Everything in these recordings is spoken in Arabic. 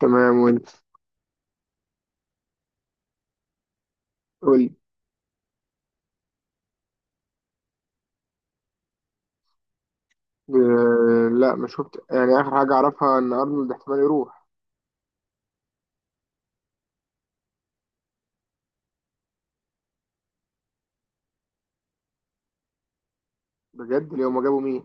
تمام، وانت؟ قولي. آه، لا ما شفت، يعني اخر حاجه اعرفها ان ارنولد احتمال يروح. بجد؟ لو ما جابوا مين؟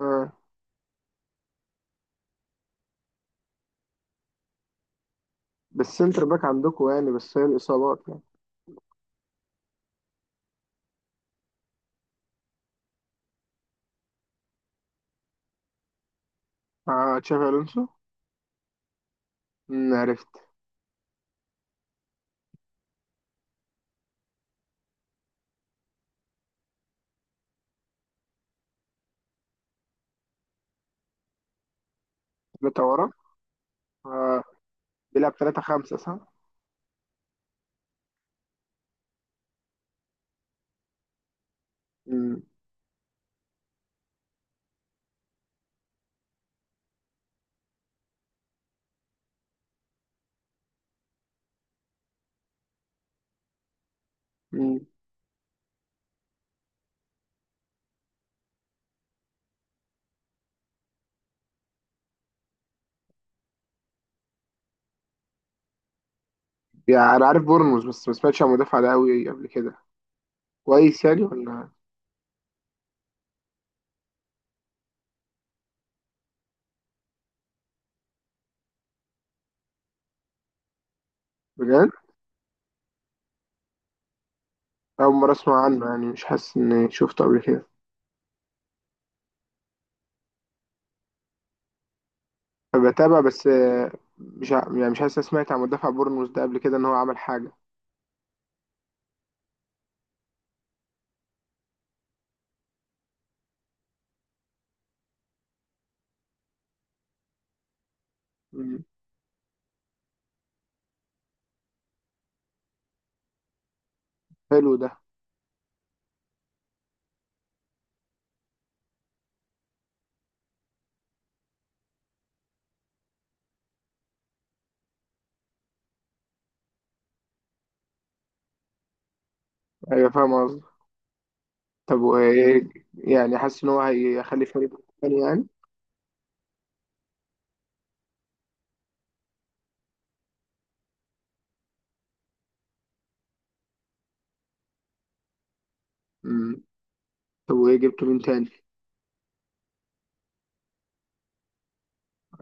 آه. بس سنتر باك عندكم، يعني بس هي الاصابات يعني. آه، تشافي الونسو. مم، عرفت. ثلاثه ورا؟ آه. بيلعب 3-5، صح؟ مم. مم. يعني انا عارف بورنموث، بس ما سمعتش عن المدافع ده قوي قبل كده. كويس يعني ولا؟ بجد؟ اول مره اسمع عنه، يعني مش حاسس اني شفته قبل كده. بتابع، بس مش ع- يعني مش حاسس إني سمعت عن مدافع بورنموث ده قبل كده ان هو عمل حاجه. حلو ده. ايوه، فاهم قصدي. طب وايه؟ يعني حاسس ان هو هيخلي فريق تاني يعني. امم. طب وايه جبته مين تاني؟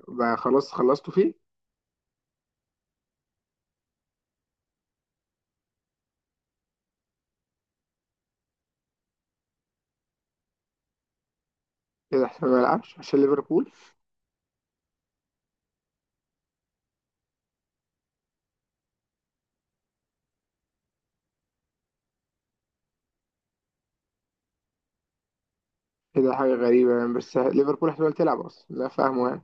بقى خلاص خلصتوا فيه؟ كده احتمال ما يلعبش عشان ليفربول. كده حاجه غريبه يعني، بس ليفربول احتمال تلعب اصلا؟ لا فاهمه يعني.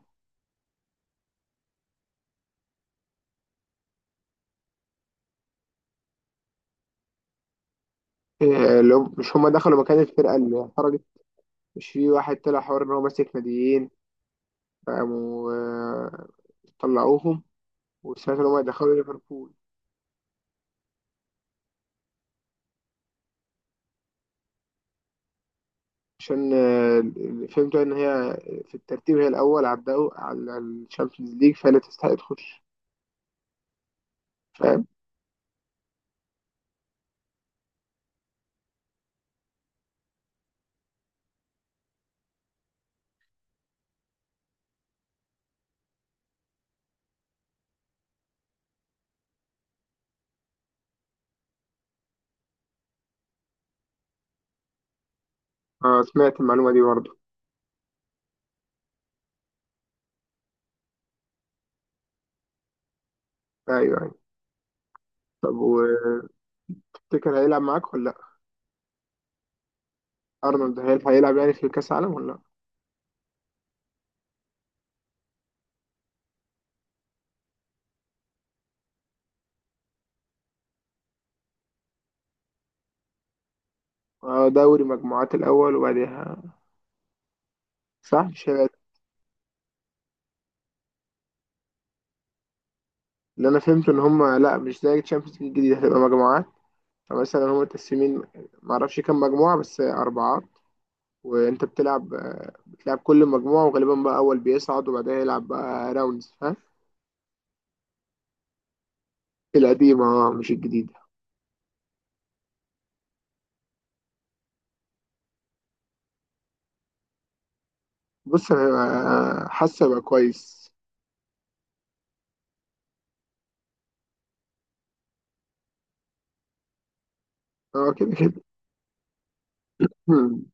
إيه لو مش هما دخلوا مكان الفرقه اللي خرجت؟ مش في واحد طلع حوار ان هو ماسك ناديين؟ فقاموا طلعوهم. وسمعت ان هما يدخلوا ليفربول. عشان فهمت ان هي في الترتيب هي الاول على الدو على الشامبيونز ليج، فهي اللي تستحق تخش. فاهم؟ اه، سمعت المعلومه دي برضه. ايوه، ايوه. طب وتفتكر، هيلعب معاك ولا لا؟ ارنولد هيلعب يعني في كاس العالم ولا لا؟ آه، دوري مجموعات الاول وبعدها صح، مش هيبقى؟ اللي انا فهمته ان هم لا، مش زي الشامبيونز ليج الجديده، هتبقى مجموعات. فمثلا هم متقسمين، معرفش كام مجموعه، بس اربعات. وانت بتلعب كل مجموعه، وغالبا بقى اول بيصعد وبعدها يلعب بقى راوندز، فاهم؟ القديمة، اه، مش الجديدة. بص، انا حاسة بقى كويس. اه، كده كده. مم.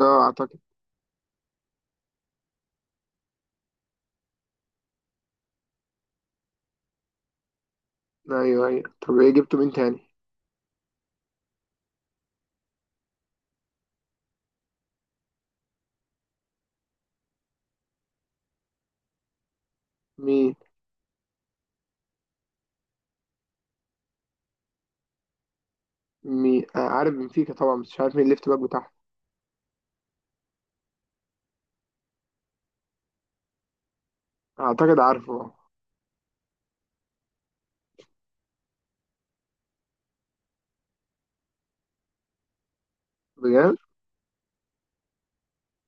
اه، اعتقد. ايوه، ايوه. طب ايه جبته مين تاني؟ مين؟ مين؟ آه، عارف بنفيكا طبعا، بس مش عارف مين الليفت باك بتاعه. اعتقد عارفه. بجد؟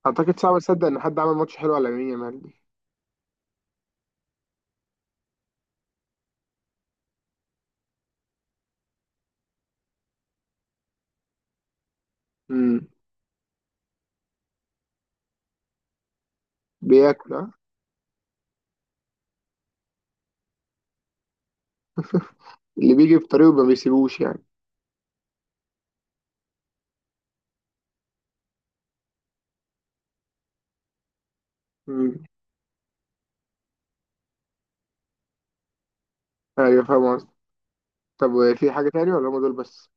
اعتقد صعب اصدق ان حد عمل ماتش حلو على مين يا مالدي. امم. بياكل، اه. اللي بيجي في طريقه ما بيسيبوش يعني. امم. ايوه، فاهم قصدي. طب، في حاجة تاني ولا هم دول بس؟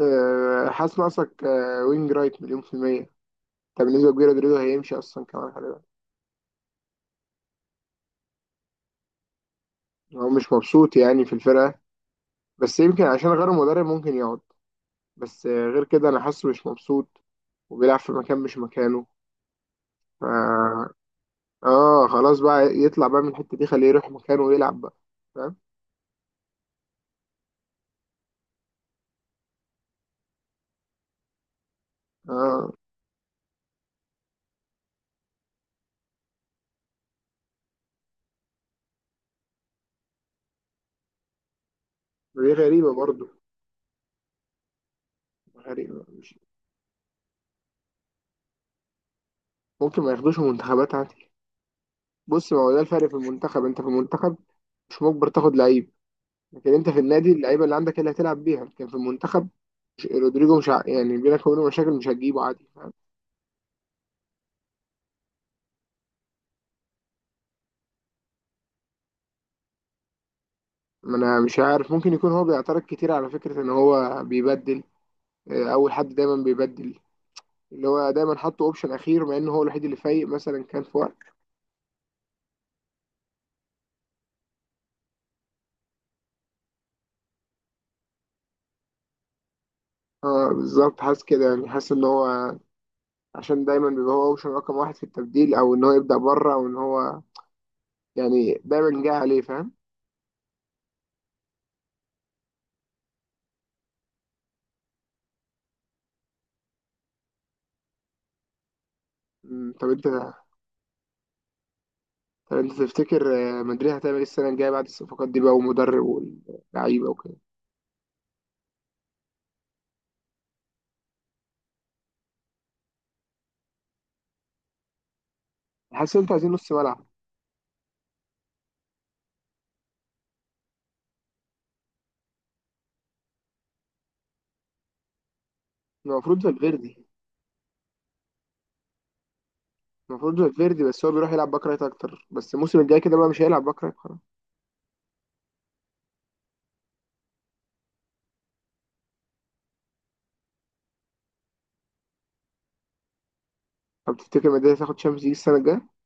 آه، حاسس ناقصك وينج رايت مليون في المية. طب بالنسبة لجيرارد رودريجو، هيمشي اصلا كمان، خلي بالك. هو مش مبسوط يعني في الفرقة. بس يمكن عشان غير المدرب ممكن يقعد. بس غير كده أنا حاسه مش مبسوط. وبيلعب في مكان مش مكانه. ف... آه، خلاص بقى يطلع بقى من الحتة دي، خليه يروح مكانه ويلعب بقى. فاهم؟ آه. دي غريبة برضه. غريبة. مش ممكن ما ياخدوش منتخبات عادي. بص، ما هو ده الفرق في المنتخب، أنت في المنتخب مش مجبر تاخد لعيب. لكن انت في النادي اللعيبه اللي عندك هي اللي هتلعب بيها، لكن في المنتخب رودريجو مش ع- يعني بينك وبينه مشاكل مش هتجيبه عادي. ما انا مش عارف، ممكن يكون هو بيعترض كتير على فكرة ان هو بيبدل اول حد دايما بيبدل. اللي هو دايما حاطه اوبشن اخير، مع انه هو الوحيد اللي فايق مثلا كان في وقت. اه، بالظبط، حاسس كده يعني، حاسس ان هو عشان دايما بيبقى هو اوبشن رقم واحد في التبديل، او ان هو يبدأ بره، او ان هو يعني دايما جاي عليه، فاهم؟ مم، طب انت تفتكر مدريد هتعمل ايه السنة الجاية بعد الصفقات دي بقى، ومدرب واللعيبة وكده؟ حاسس ان انتوا عايزين نص ملعب. المفروض فالفيردي. المفروض فالفيردي، بس هو بيروح يلعب باك رايت اكتر، بس الموسم الجاي كده بقى مش هيلعب باك رايت خلاص. طب تفتكر مدريد هتاخد شامبيونز ليج السنه الجايه؟